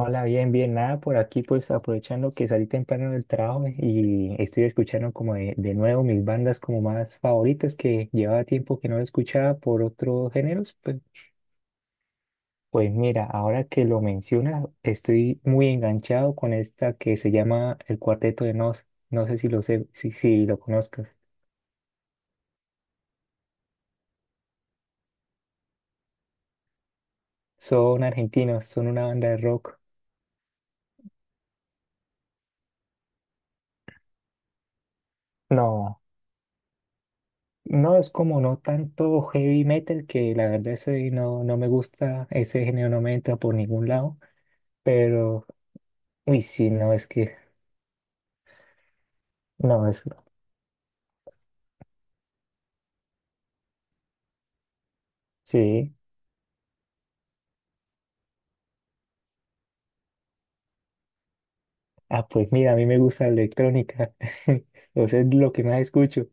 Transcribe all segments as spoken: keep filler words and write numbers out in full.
Hola, bien, bien, nada por aquí, pues aprovechando que salí temprano del trabajo y estoy escuchando como de, de nuevo mis bandas como más favoritas que llevaba tiempo que no escuchaba por otros géneros. Pues, pues mira, ahora que lo mencionas, estoy muy enganchado con esta que se llama El Cuarteto de Nos. No sé si lo sé, si, si lo conozcas. Son argentinos, son una banda de rock. No, no es como no tanto heavy metal, que la verdad ese no, no me gusta, ese género no me entra por ningún lado. Pero, uy, sí, no, es que, no, es, sí. Ah, pues mira, a mí me gusta la electrónica. O sea, es lo que más escucho.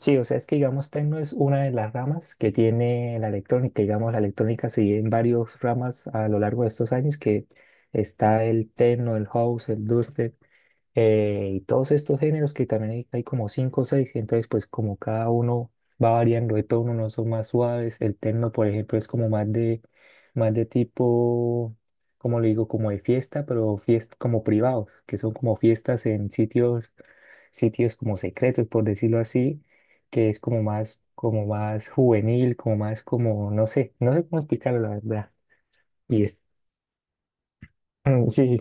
Sí, o sea, es que, digamos, techno es una de las ramas que tiene la electrónica. Digamos, la electrónica se divide en varias ramas a lo largo de estos años, que está el techno, el house, el dubstep. Eh, y todos estos géneros que también hay, hay como cinco o seis, entonces pues como cada uno va variando de tono, unos son más suaves, el techno por ejemplo es como más de, más de tipo, como le digo, como de fiesta, pero fiestas como privados, que son como fiestas en sitios, sitios como secretos, por decirlo así, que es como más, como más juvenil, como más como, no sé, no sé cómo explicarlo la verdad. Y es, sí,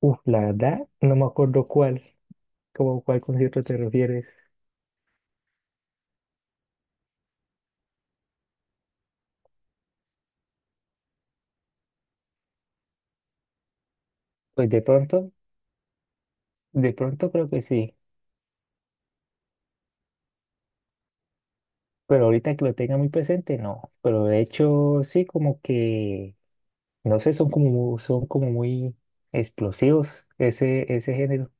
uf, la verdad, no me acuerdo cuál. ¿Cómo cuál concierto te refieres? Pues de pronto, de pronto creo que sí, pero ahorita que lo tenga muy presente, no. Pero de hecho, sí, como que, no sé, son como, mu- son como muy explosivos ese, ese género.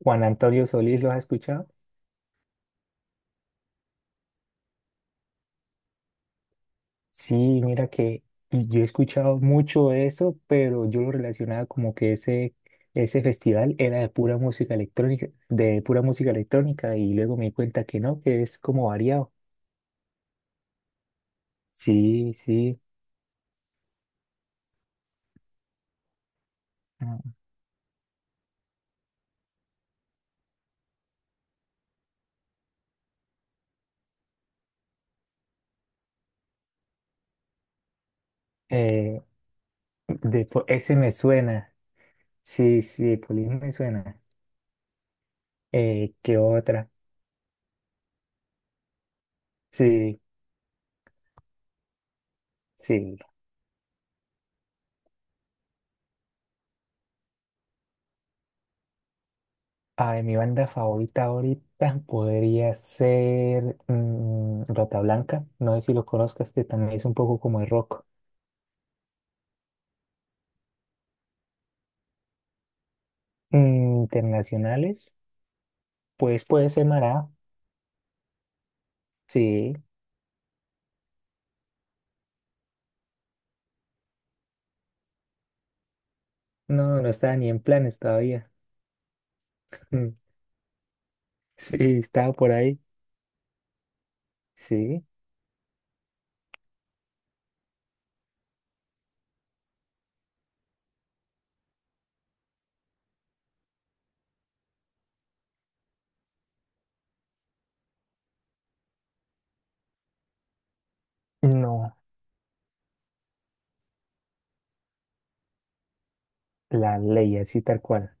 Juan Antonio Solís, ¿lo has escuchado? Sí, mira que yo he escuchado mucho eso, pero yo lo relacionaba como que ese, ese festival era de pura música electrónica, de pura música electrónica, y luego me di cuenta que no, que es como variado. Sí, sí. Eh, de po- ese me suena. Sí, sí, Police me suena. Eh, ¿qué otra? Sí, sí. Ay, mi banda favorita ahorita podría ser mm, Rata Blanca. No sé si lo conozcas, que también es un poco como de rock. Mm, internacionales, pues puede ser Mará. Sí, no, no estaba ni en planes todavía. Mm, sí, estaba por ahí. Sí, no, la ley así tal cual.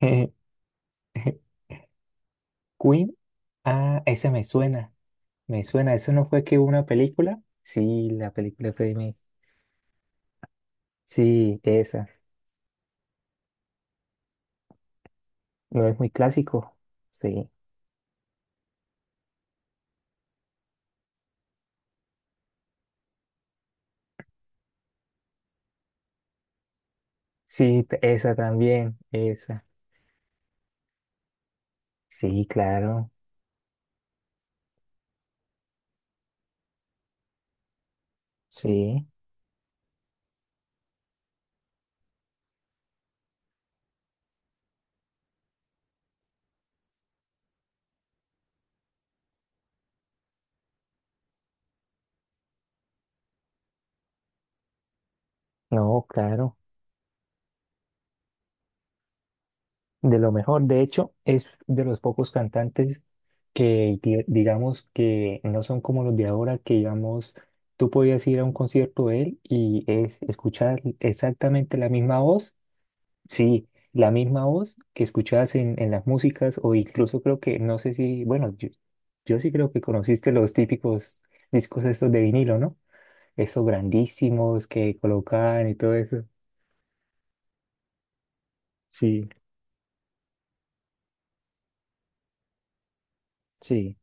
Queen. Ah, ese me suena. Me suena. ¿Eso no fue que hubo una película? Sí, la película fue de mí. Sí, esa. ¿No es muy clásico? Sí. Sí, t- esa también. Esa. Sí, claro. Sí. No, claro. De lo mejor. De hecho, es de los pocos cantantes que di- digamos que no son como los de ahora, que digamos, tú podías ir a un concierto de él y es escuchar exactamente la misma voz. Sí, la misma voz que escuchabas en, en las músicas o incluso creo que, no sé si, bueno, yo, yo sí creo que conociste los típicos discos estos de vinilo, ¿no? Esos grandísimos que colocaban y todo eso. Sí, sí.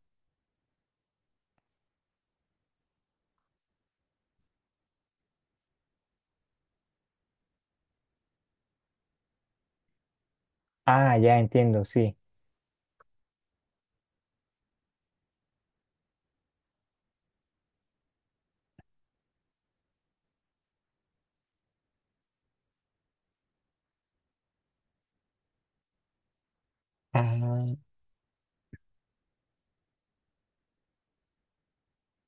Ah, ya entiendo, sí. Ah,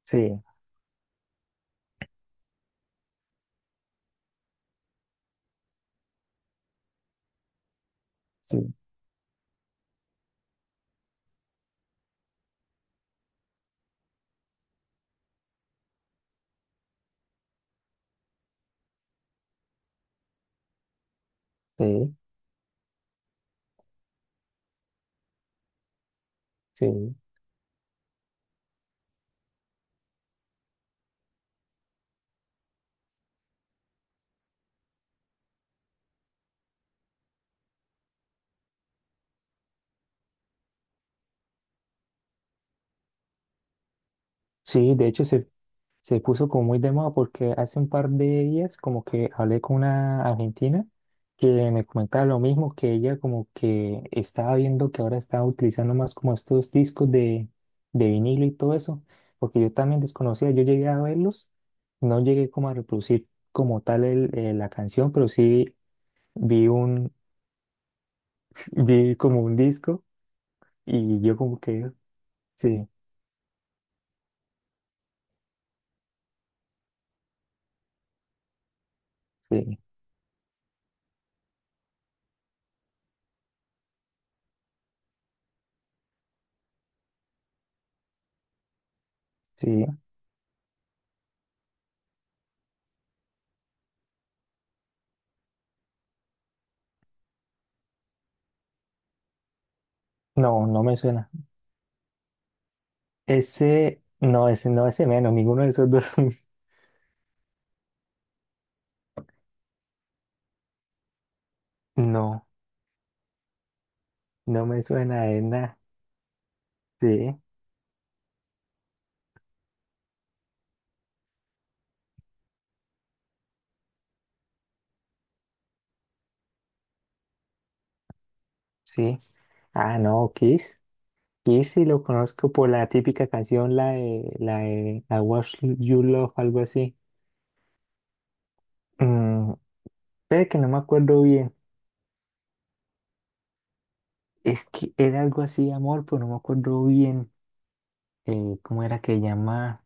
sí, sí, sí, sí. Sí, de hecho se, se puso como muy de moda porque hace un par de días como que hablé con una argentina que me comentaba lo mismo, que ella como que estaba viendo que ahora estaba utilizando más como estos discos de, de vinilo y todo eso, porque yo también desconocía, yo llegué a verlos, no llegué como a reproducir como tal el- eh, la canción, pero sí vi un, vi como un disco y yo como que, sí, sí, sí, no, no me suena. Ese, no, ese no, ese menos, ninguno de esos dos. No, no me suena de nada. Sí, sí. Ah, no, Kiss. Kiss sí lo conozco por la típica canción, la de, la de I Was You Love, algo así. Mm, pero que no me acuerdo bien. Es que era algo así, de amor, pero no me acuerdo bien. Eh, ¿cómo era que llamaba?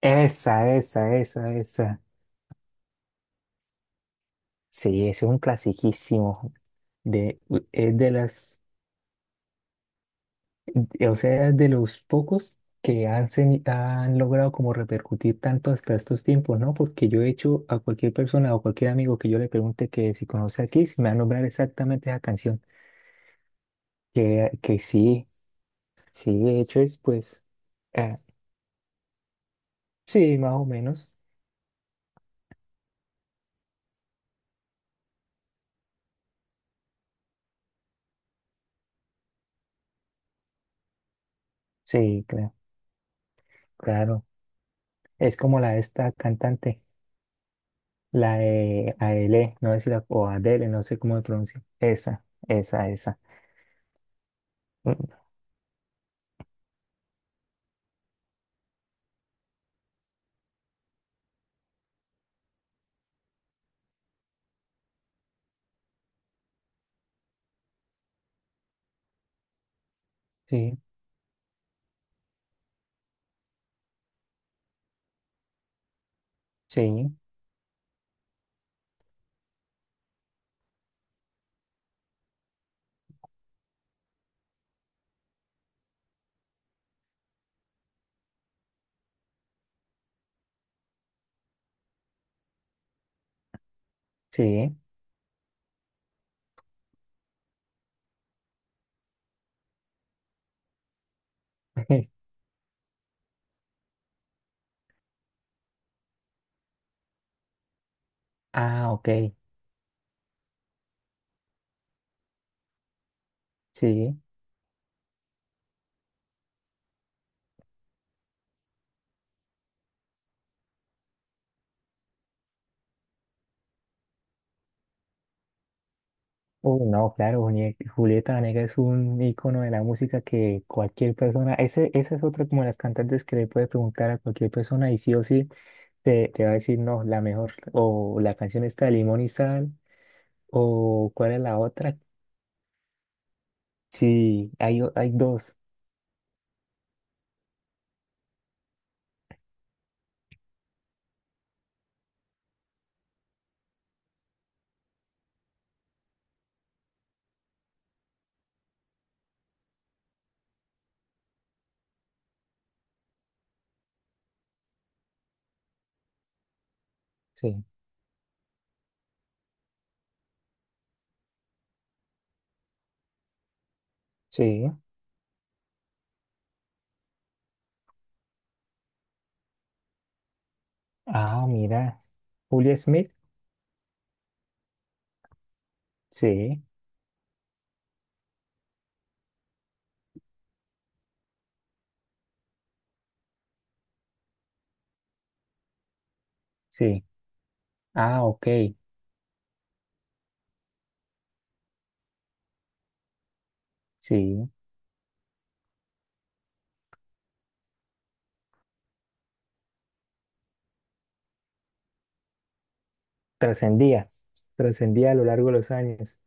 Esa, esa, esa, esa. Sí, ese es un clasiquísimo. De, es de las. O sea, es de los pocos que han, se- han logrado como repercutir tanto hasta estos tiempos, ¿no? Porque yo he hecho a cualquier persona o cualquier amigo que yo le pregunte que si conoce a Kiss, me va a nombrar exactamente esa canción. Que, que sí, sí, de hecho es pues, eh, sí, más o menos. Sí, claro, claro. Es como la de esta cantante, la de Adele, no sé si la, o Adele, no sé cómo se pronuncia. Esa, esa, esa. Mm, sí, sí, sí. Ah, ok. Sí, uy, no, claro, Junie- Julieta Venegas es un icono de la música que cualquier persona, ese, esa es otra como las cantantes que le puede preguntar a cualquier persona y sí o sí te, te va a decir, no, la mejor, o la canción está de Limón y Sal, o cuál es la otra. Sí, hay, o- hay dos. Sí, sí. Ah, mira, Julia Smith. Sí, sí. Ah, ok, sí. Trascendía, trascendía a lo largo de los años.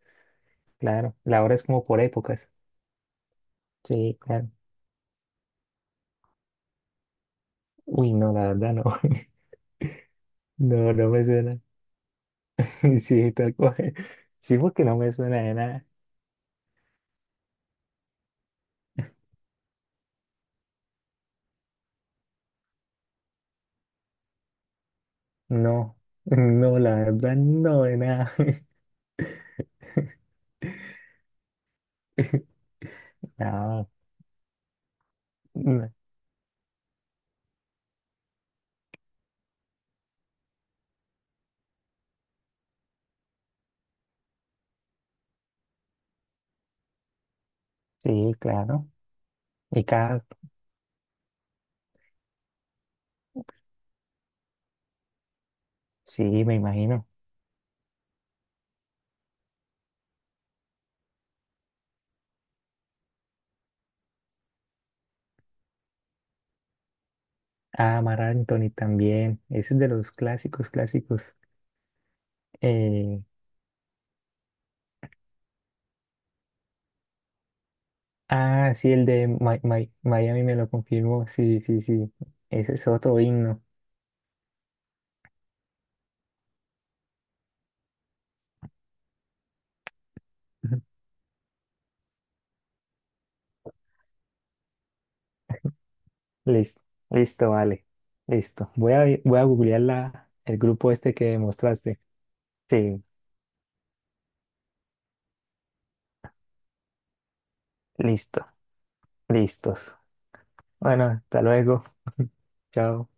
Claro, la hora es como por épocas. Sí, claro. Uy, no, la verdad no. No, no me suena. Sí, tal cual. Sí, porque no me suena de nada. No, no, la verdad no de nada. No, no. Sí, claro. Y Carl, sí, me imagino. Ah, Mar Anthony también. Ese es de los clásicos, clásicos. Eh, ah, sí, el de Mi- Mi- Miami me lo confirmó. Sí, sí, sí. Ese es otro himno. Listo, listo, vale. Listo. Voy a, voy a googlear la, el grupo este que mostraste. Sí, listo, listos. Bueno, hasta luego. Chao.